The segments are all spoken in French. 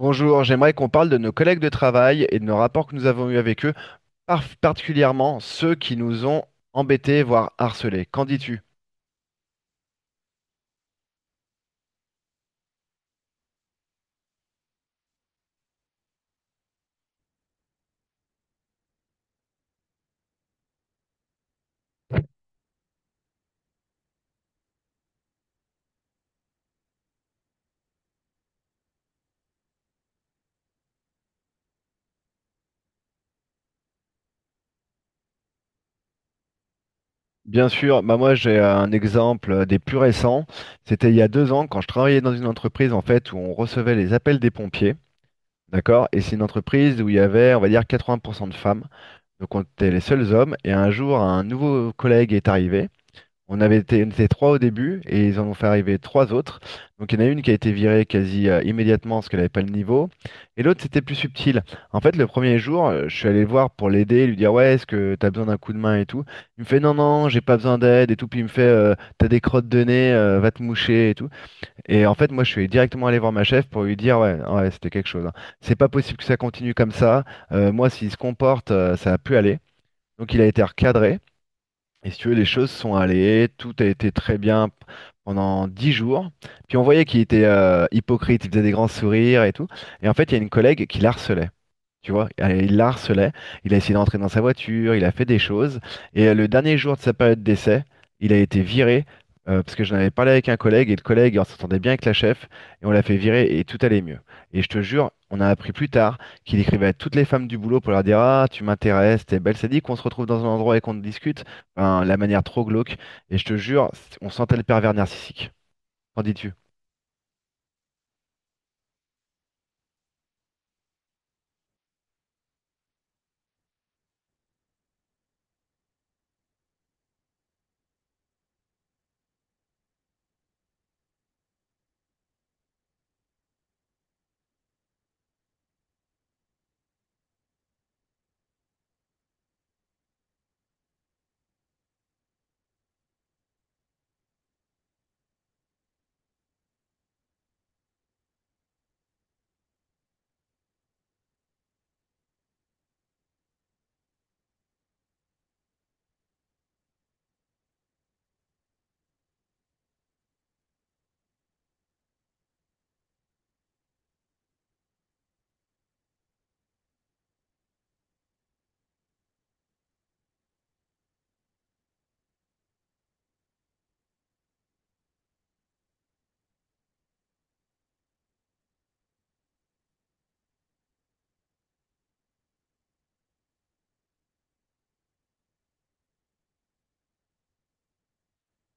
Bonjour, j'aimerais qu'on parle de nos collègues de travail et de nos rapports que nous avons eus avec eux, particulièrement ceux qui nous ont embêtés, voire harcelés. Qu'en dis-tu? Bien sûr, bah moi j'ai un exemple des plus récents. C'était il y a 2 ans quand je travaillais dans une entreprise en fait où on recevait les appels des pompiers, d'accord? Et c'est une entreprise où il y avait, on va dire, 80% de femmes. Donc on était les seuls hommes. Et un jour, un nouveau collègue est arrivé. On était trois au début et ils en ont fait arriver trois autres. Donc il y en a une qui a été virée quasi immédiatement parce qu'elle n'avait pas le niveau. Et l'autre, c'était plus subtil. En fait, le premier jour, je suis allé le voir pour l'aider, lui dire, ouais, est-ce que t'as besoin d'un coup de main et tout. Il me fait, non, non, j'ai pas besoin d'aide et tout. Puis il me fait, t'as des crottes de nez, va te moucher et tout. Et en fait, moi, je suis directement allé voir ma chef pour lui dire, ouais, ouais, c'était quelque chose, hein. C'est pas possible que ça continue comme ça. Moi, s'il se comporte, ça a pu aller. Donc il a été recadré. Et si tu veux, les choses sont allées, tout a été très bien pendant 10 jours. Puis on voyait qu'il était hypocrite, il faisait des grands sourires et tout. Et en fait, il y a une collègue qui l'harcelait. Tu vois. Il la harcelait, il a essayé d'entrer dans sa voiture, il a fait des choses. Et le dernier jour de sa période d'essai, il a été viré, parce que j'en avais parlé avec un collègue, et le collègue, on s'entendait bien avec la chef, et on l'a fait virer, et tout allait mieux. Et je te jure, on a appris plus tard qu'il écrivait à toutes les femmes du boulot pour leur dire, Ah, tu m'intéresses, t'es belle, c'est dit qu'on se retrouve dans un endroit et qu'on discute. Enfin, la manière trop glauque. Et je te jure, on sentait le pervers narcissique. Qu'en dis-tu?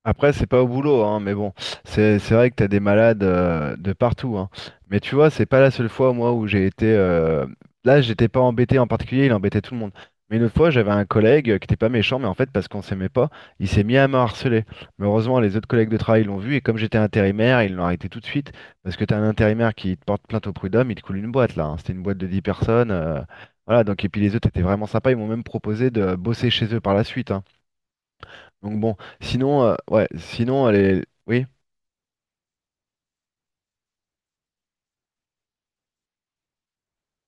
Après, c'est pas au boulot, hein, mais bon, c'est vrai que t'as des malades de partout, hein. Mais tu vois, c'est pas la seule fois, moi, où j'ai été. Là, j'étais pas embêté en particulier, il embêtait tout le monde. Mais une autre fois, j'avais un collègue qui était pas méchant, mais en fait, parce qu'on s'aimait pas, il s'est mis à me harceler. Mais heureusement, les autres collègues de travail l'ont vu, et comme j'étais intérimaire, ils l'ont arrêté tout de suite. Parce que t'as un intérimaire qui te porte plainte au prud'homme, il te coule une boîte, là, hein. C'était une boîte de 10 personnes. Voilà, donc, et puis les autres étaient vraiment sympas, ils m'ont même proposé de bosser chez eux par la suite, hein. Donc bon, sinon, ouais, sinon, elle est... Oui,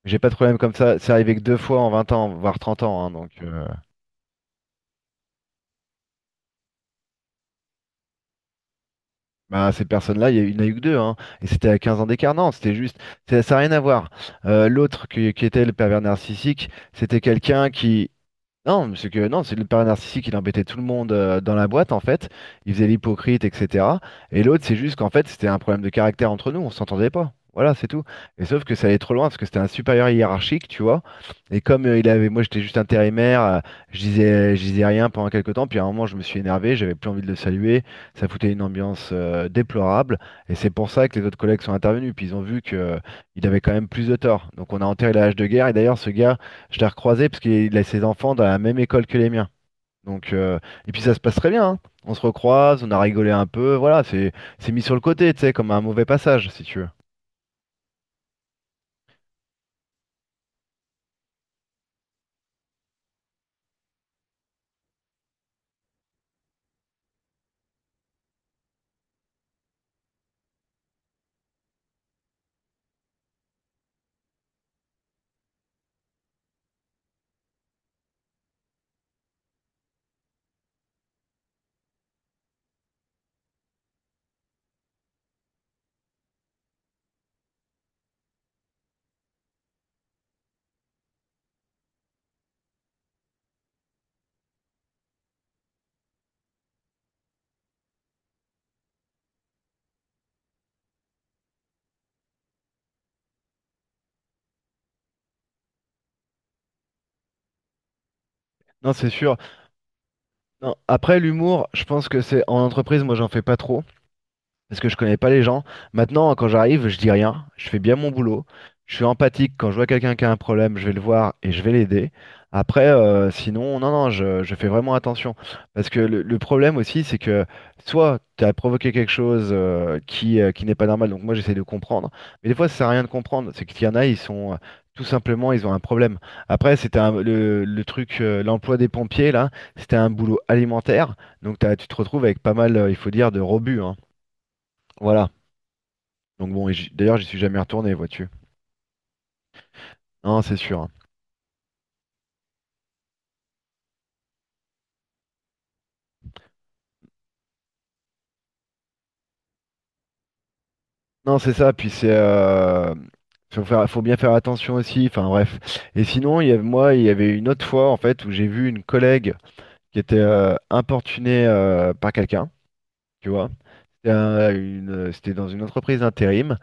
j'ai pas de problème comme ça. C'est arrivé que deux fois en 20 ans, voire 30 ans, hein, donc, bah, ces personnes-là, il n'y en a eu que deux, hein, et c'était à 15 ans d'écart. Non, c'était juste. Ça n'a rien à voir. L'autre qui était le pervers narcissique, c'était quelqu'un qui, Non, mais c'est que non, c'est le père narcissique, il embêtait tout le monde dans la boîte en fait, il faisait l'hypocrite, etc. Et l'autre, c'est juste qu'en fait, c'était un problème de caractère entre nous, on s'entendait pas. Voilà, c'est tout. Et sauf que ça allait trop loin parce que c'était un supérieur hiérarchique, tu vois. Et comme il avait, moi j'étais juste intérimaire, je disais rien pendant quelques temps. Puis à un moment, je me suis énervé, j'avais plus envie de le saluer. Ça foutait une ambiance déplorable. Et c'est pour ça que les autres collègues sont intervenus. Puis ils ont vu que il avait quand même plus de tort. Donc on a enterré la hache de guerre. Et d'ailleurs, ce gars je l'ai recroisé parce qu'il a ses enfants dans la même école que les miens. Donc, et puis ça se passe très bien, hein. On se recroise, on a rigolé un peu. Voilà, c'est mis sur le côté, tu sais, comme un mauvais passage, si tu veux. Non, c'est sûr. Non, après, l'humour, je pense que c'est en entreprise, moi, j'en fais pas trop. Parce que je connais pas les gens. Maintenant, quand j'arrive, je dis rien, je fais bien mon boulot, je suis empathique. Quand je vois quelqu'un qui a un problème, je vais le voir et je vais l'aider. Après, sinon, non, non, je fais vraiment attention. Parce que le problème aussi, c'est que soit tu as provoqué quelque chose qui n'est pas normal, donc moi j'essaie de comprendre. Mais des fois, ça sert à rien de comprendre. C'est qu'il y en a, ils sont tout simplement, ils ont un problème. Après, c'était le truc, l'emploi des pompiers, là, c'était un boulot alimentaire. Donc tu te retrouves avec pas mal, il faut dire, de robus, hein. Voilà. Donc bon, et d'ailleurs, j'y suis jamais retourné, vois-tu. Non, c'est sûr, hein. Non, c'est ça. Puis c'est, faut faire, faut bien faire attention aussi. Enfin bref. Et sinon, il y avait, moi, il y avait une autre fois en fait où j'ai vu une collègue qui était importunée par quelqu'un. Tu vois. C'était c'était dans une entreprise d'intérim.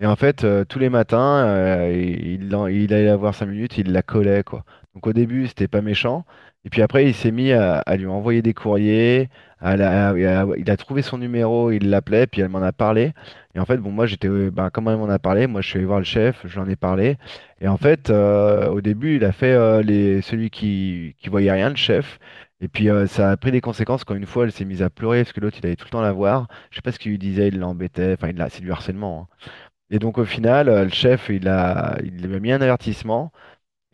Et en fait, tous les matins, il allait la voir 5 minutes, il la collait, quoi. Donc au début, c'était pas méchant. Et puis après, il s'est mis à lui envoyer des courriers. À la- à- il a trouvé son numéro, il l'appelait, puis elle m'en a parlé. Et en fait, bon, moi, j'étais, ben, comment elle m'en a parlé, moi, je suis allé voir le chef, je lui en ai parlé. Et en fait, au début, il a fait les, celui qui voyait rien, le chef. Et puis ça a pris des conséquences quand une fois, elle s'est mise à pleurer parce que l'autre, il allait tout le temps la voir. Je sais pas ce qu'il lui disait, il l'embêtait. Enfin, c'est du harcèlement, hein. Et donc au final, le chef, il lui a mis un avertissement.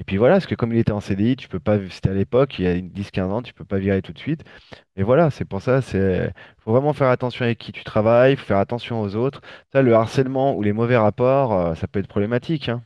Et puis voilà, parce que comme il était en CDI, tu peux pas, c'était à l'époque, il y a une 10-15 ans, tu peux pas virer tout de suite. Et voilà, c'est pour ça, c'est, faut vraiment faire attention avec qui tu travailles, faut faire attention aux autres. Ça, le harcèlement ou les mauvais rapports, ça peut être problématique, hein.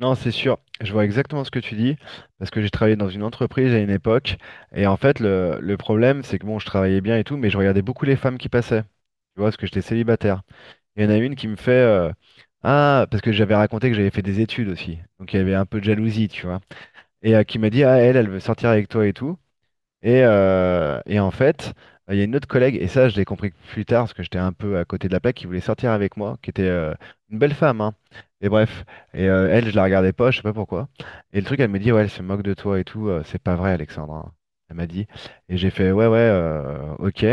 Non, c'est sûr, je vois exactement ce que tu dis, parce que j'ai travaillé dans une entreprise à une époque, et en fait, le problème, c'est que bon, je travaillais bien et tout, mais je regardais beaucoup les femmes qui passaient, tu vois, parce que j'étais célibataire. Il y en a une qui me fait Ah, parce que j'avais raconté que j'avais fait des études aussi. Donc il y avait un peu de jalousie, tu vois. Et qui m'a dit Ah, elle, elle veut sortir avec toi et tout. Et en fait, il y a une autre collègue, et ça, je l'ai compris plus tard, parce que j'étais un peu à côté de la plaque, qui voulait sortir avec moi, qui était une belle femme, hein. Et bref. Et elle, je la regardais pas, je sais pas pourquoi. Et le truc, elle me dit Ouais, elle se moque de toi et tout. C'est pas vrai, Alexandre, hein. Elle m'a dit. Et j'ai fait Ouais, ouais, ok.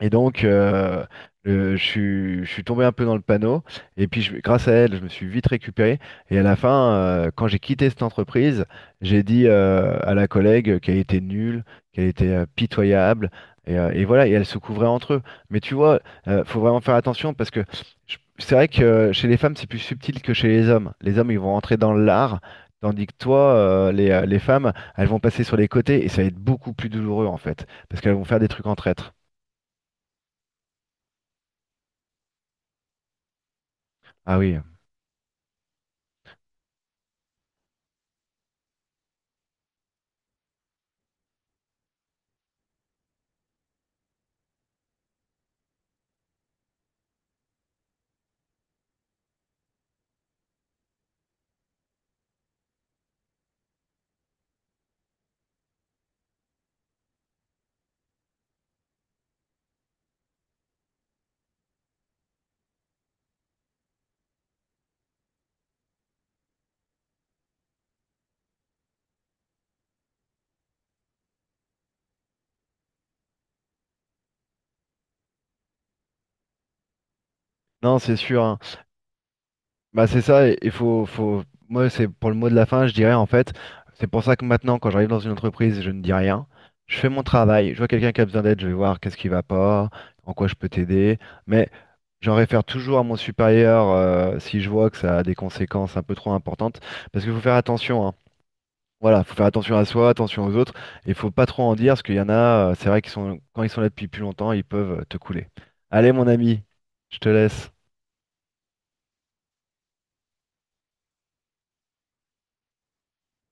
Et donc, je suis tombé un peu dans le panneau. Et puis, grâce à elle, je me suis vite récupéré. Et à la fin, quand j'ai quitté cette entreprise, j'ai dit à la collègue qu'elle était nulle, qu'elle était pitoyable. Et voilà, et elles se couvraient entre eux. Mais tu vois, faut vraiment faire attention parce que c'est vrai que chez les femmes, c'est plus subtil que chez les hommes. Les hommes, ils vont rentrer dans l'art, tandis que toi, les femmes, elles vont passer sur les côtés et ça va être beaucoup plus douloureux en fait, parce qu'elles vont faire des trucs en traître. Ah oui. Non, c'est sûr, hein. Bah, c'est ça. Et il faut, faut... Moi, c'est pour le mot de la fin, je dirais en fait. C'est pour ça que maintenant, quand j'arrive dans une entreprise, je ne dis rien. Je fais mon travail. Je vois quelqu'un qui a besoin d'aide, je vais voir qu'est-ce qui va pas, en quoi je peux t'aider. Mais j'en réfère toujours à mon supérieur si je vois que ça a des conséquences un peu trop importantes. Parce qu'il faut faire attention. Hein. Voilà, faut faire attention à soi, attention aux autres. Et il faut pas trop en dire, parce qu'il y en a, c'est vrai qu'ils sont, quand ils sont là depuis plus longtemps, ils peuvent te couler. Allez, mon ami, je te laisse.